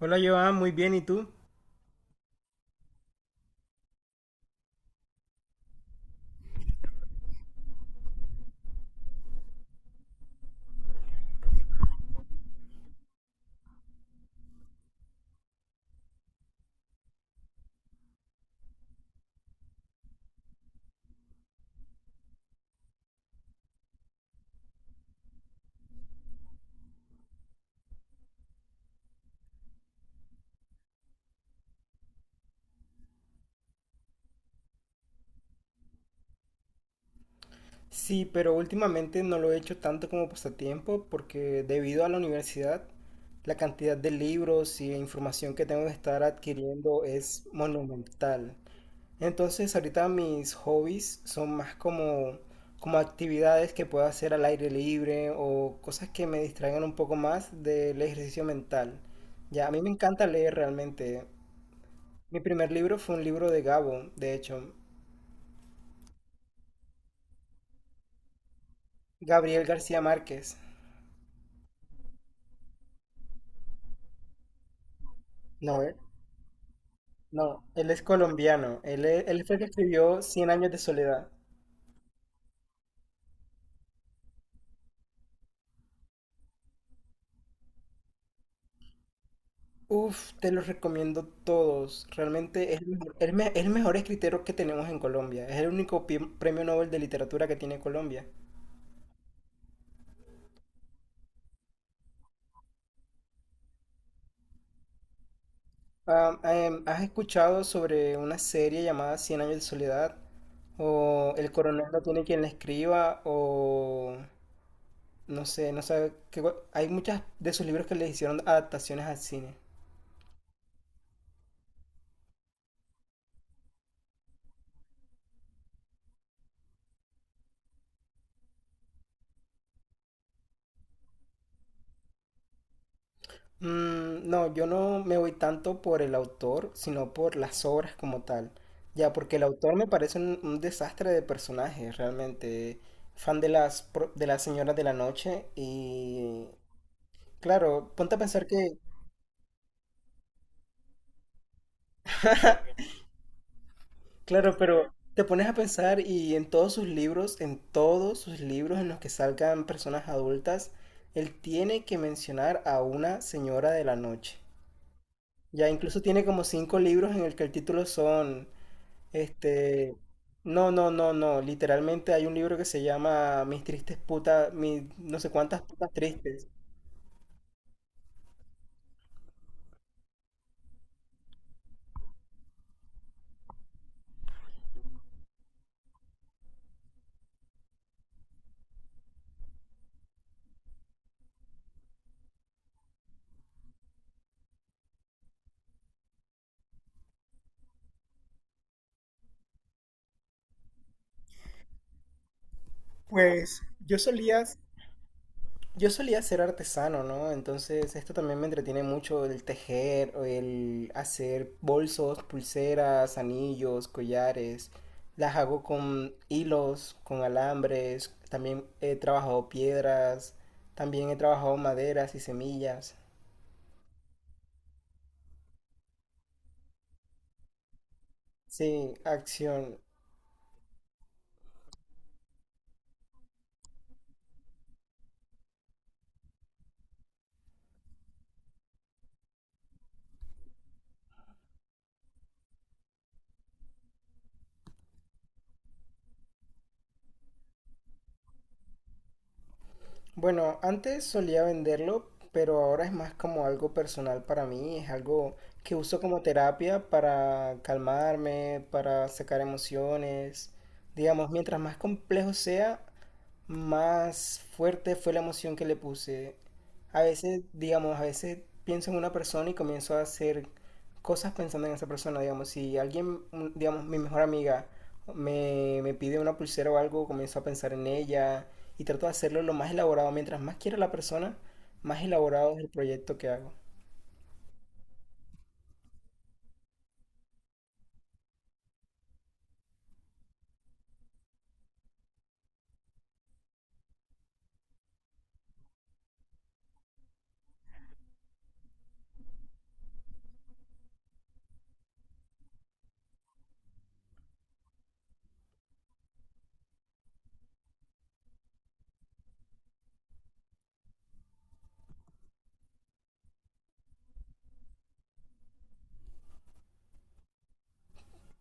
Hola Joan, muy bien, ¿y tú? Sí, pero últimamente no lo he hecho tanto como pasatiempo porque debido a la universidad, la cantidad de libros y de información que tengo que estar adquiriendo es monumental. Entonces ahorita mis hobbies son más como, como actividades que puedo hacer al aire libre o cosas que me distraigan un poco más del ejercicio mental. Ya, a mí me encanta leer realmente. Mi primer libro fue un libro de Gabo, de hecho, Gabriel García Márquez. No, no, él es colombiano. Él, él fue el que escribió Cien años de soledad. Uf, te los recomiendo todos. Realmente es el mejor, el mejor escritor que tenemos en Colombia. Es el único premio Nobel de literatura que tiene Colombia. Ah, ¿has escuchado sobre una serie llamada Cien años de soledad? O El coronel no tiene quien la escriba, o no sé, no sé, que, hay muchas de sus libros que les hicieron adaptaciones al cine. Mm, no, yo no me voy tanto por el autor, sino por las obras como tal. Ya, porque el autor me parece un desastre de personaje, realmente. Fan de las, de las señoras de la noche y... Claro, ponte a pensar que... Claro, pero te pones a pensar y en todos sus libros, en todos sus libros en los que salgan personas adultas, él tiene que mencionar a una señora de la noche. Ya incluso tiene como cinco libros en el que el título son. Este, no, no, no, no. Literalmente hay un libro que se llama Mis tristes putas, mis no sé cuántas putas tristes. Pues yo solía ser artesano, ¿no? Entonces esto también me entretiene mucho el tejer, o el hacer bolsos, pulseras, anillos, collares. Las hago con hilos, con alambres. También he trabajado piedras. También he trabajado maderas y semillas. Sí, acción. Bueno, antes solía venderlo, pero ahora es más como algo personal para mí, es algo que uso como terapia para calmarme, para sacar emociones. Digamos, mientras más complejo sea, más fuerte fue la emoción que le puse. A veces, digamos, a veces pienso en una persona y comienzo a hacer cosas pensando en esa persona, digamos, si alguien, digamos, mi mejor amiga me pide una pulsera o algo, comienzo a pensar en ella y trato de hacerlo lo más elaborado. Mientras más quiera la persona, más elaborado es el proyecto que hago.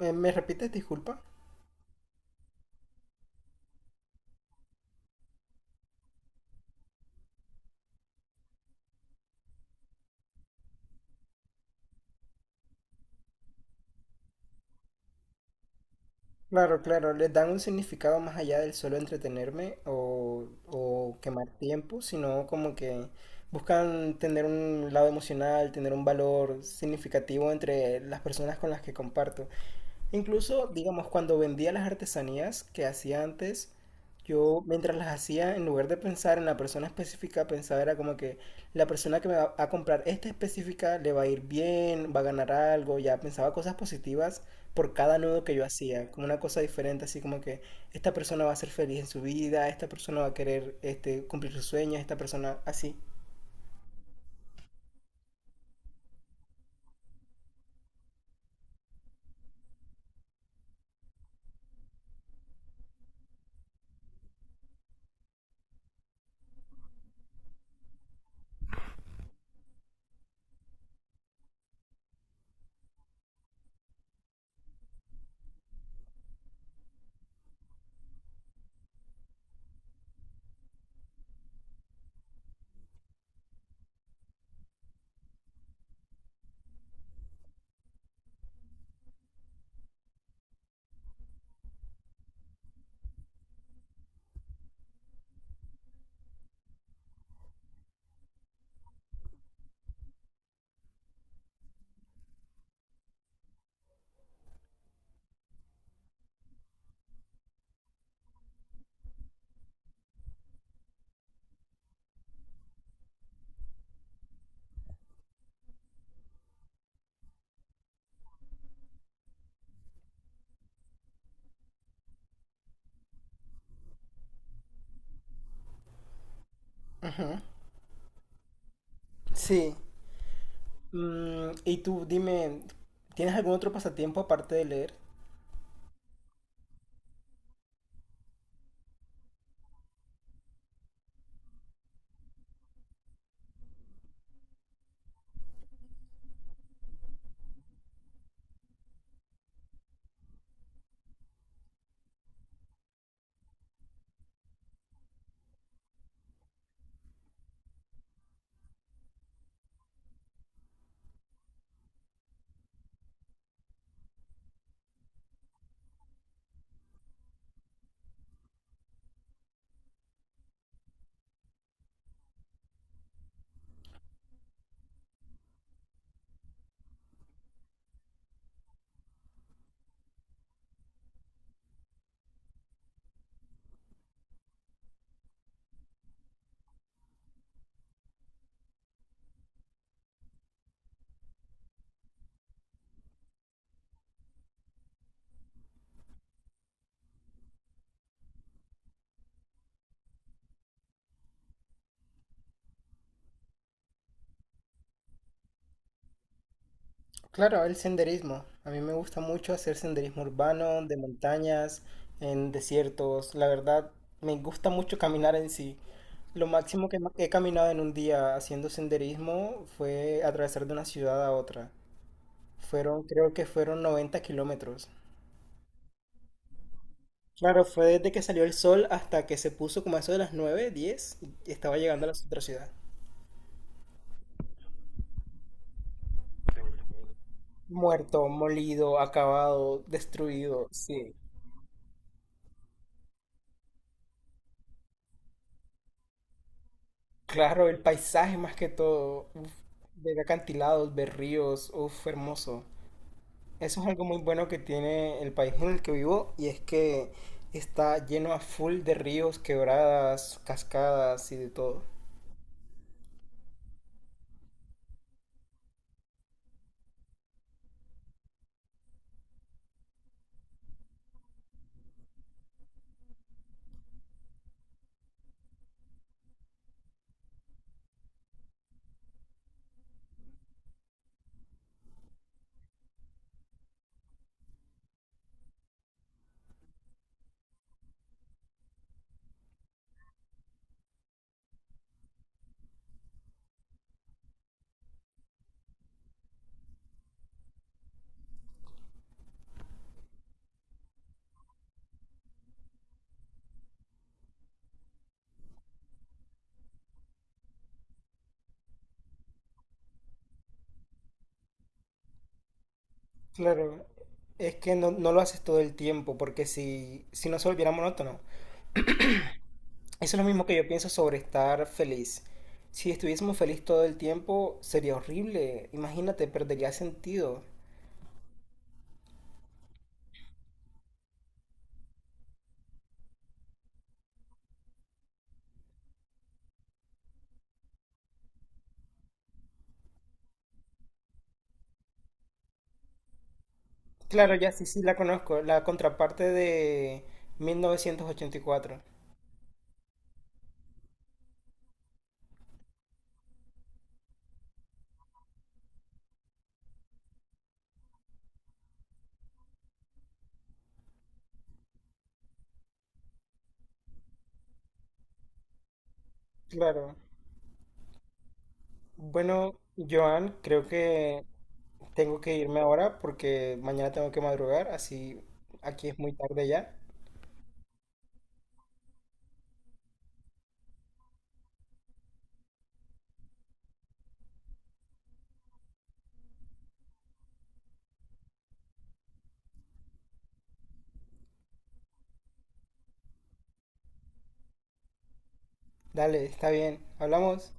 ¿Me repites, disculpa? Claro, claro, les dan un significado más allá del solo entretenerme o quemar tiempo, sino como que buscan tener un lado emocional, tener un valor significativo entre las personas con las que comparto. Incluso, digamos, cuando vendía las artesanías que hacía antes, yo mientras las hacía, en lugar de pensar en la persona específica, pensaba era como que la persona que me va a comprar esta específica le va a ir bien, va a ganar algo, ya pensaba cosas positivas por cada nudo que yo hacía, como una cosa diferente, así como que esta persona va a ser feliz en su vida, esta persona va a querer este, cumplir sus sueños, esta persona así. Ujú. Sí. Mm, y tú, dime, ¿tienes algún otro pasatiempo aparte de leer? Claro, el senderismo. A mí me gusta mucho hacer senderismo urbano, de montañas, en desiertos. La verdad, me gusta mucho caminar en sí. Lo máximo que he caminado en un día haciendo senderismo fue atravesar de una ciudad a otra. Fueron, creo que fueron 90 kilómetros. Claro, fue desde que salió el sol hasta que se puso como a eso de las 9, 10, y estaba llegando a la otra ciudad. Muerto, molido, acabado, destruido, sí. Claro, el paisaje más que todo, uf, ver acantilados, ver ríos, uf, hermoso. Eso es algo muy bueno que tiene el país en el que vivo y es que está lleno a full de ríos, quebradas, cascadas y de todo. Claro, es que no, no lo haces todo el tiempo porque si no se volviera monótono. Eso es lo mismo que yo pienso sobre estar feliz. Si estuviésemos feliz todo el tiempo sería horrible, imagínate, perdería sentido. Claro, ya sí, sí la conozco, la contraparte de 1984. Claro. Bueno, Joan, creo que tengo que irme ahora porque mañana tengo que madrugar, así aquí es muy tarde ya. Dale, está bien, hablamos.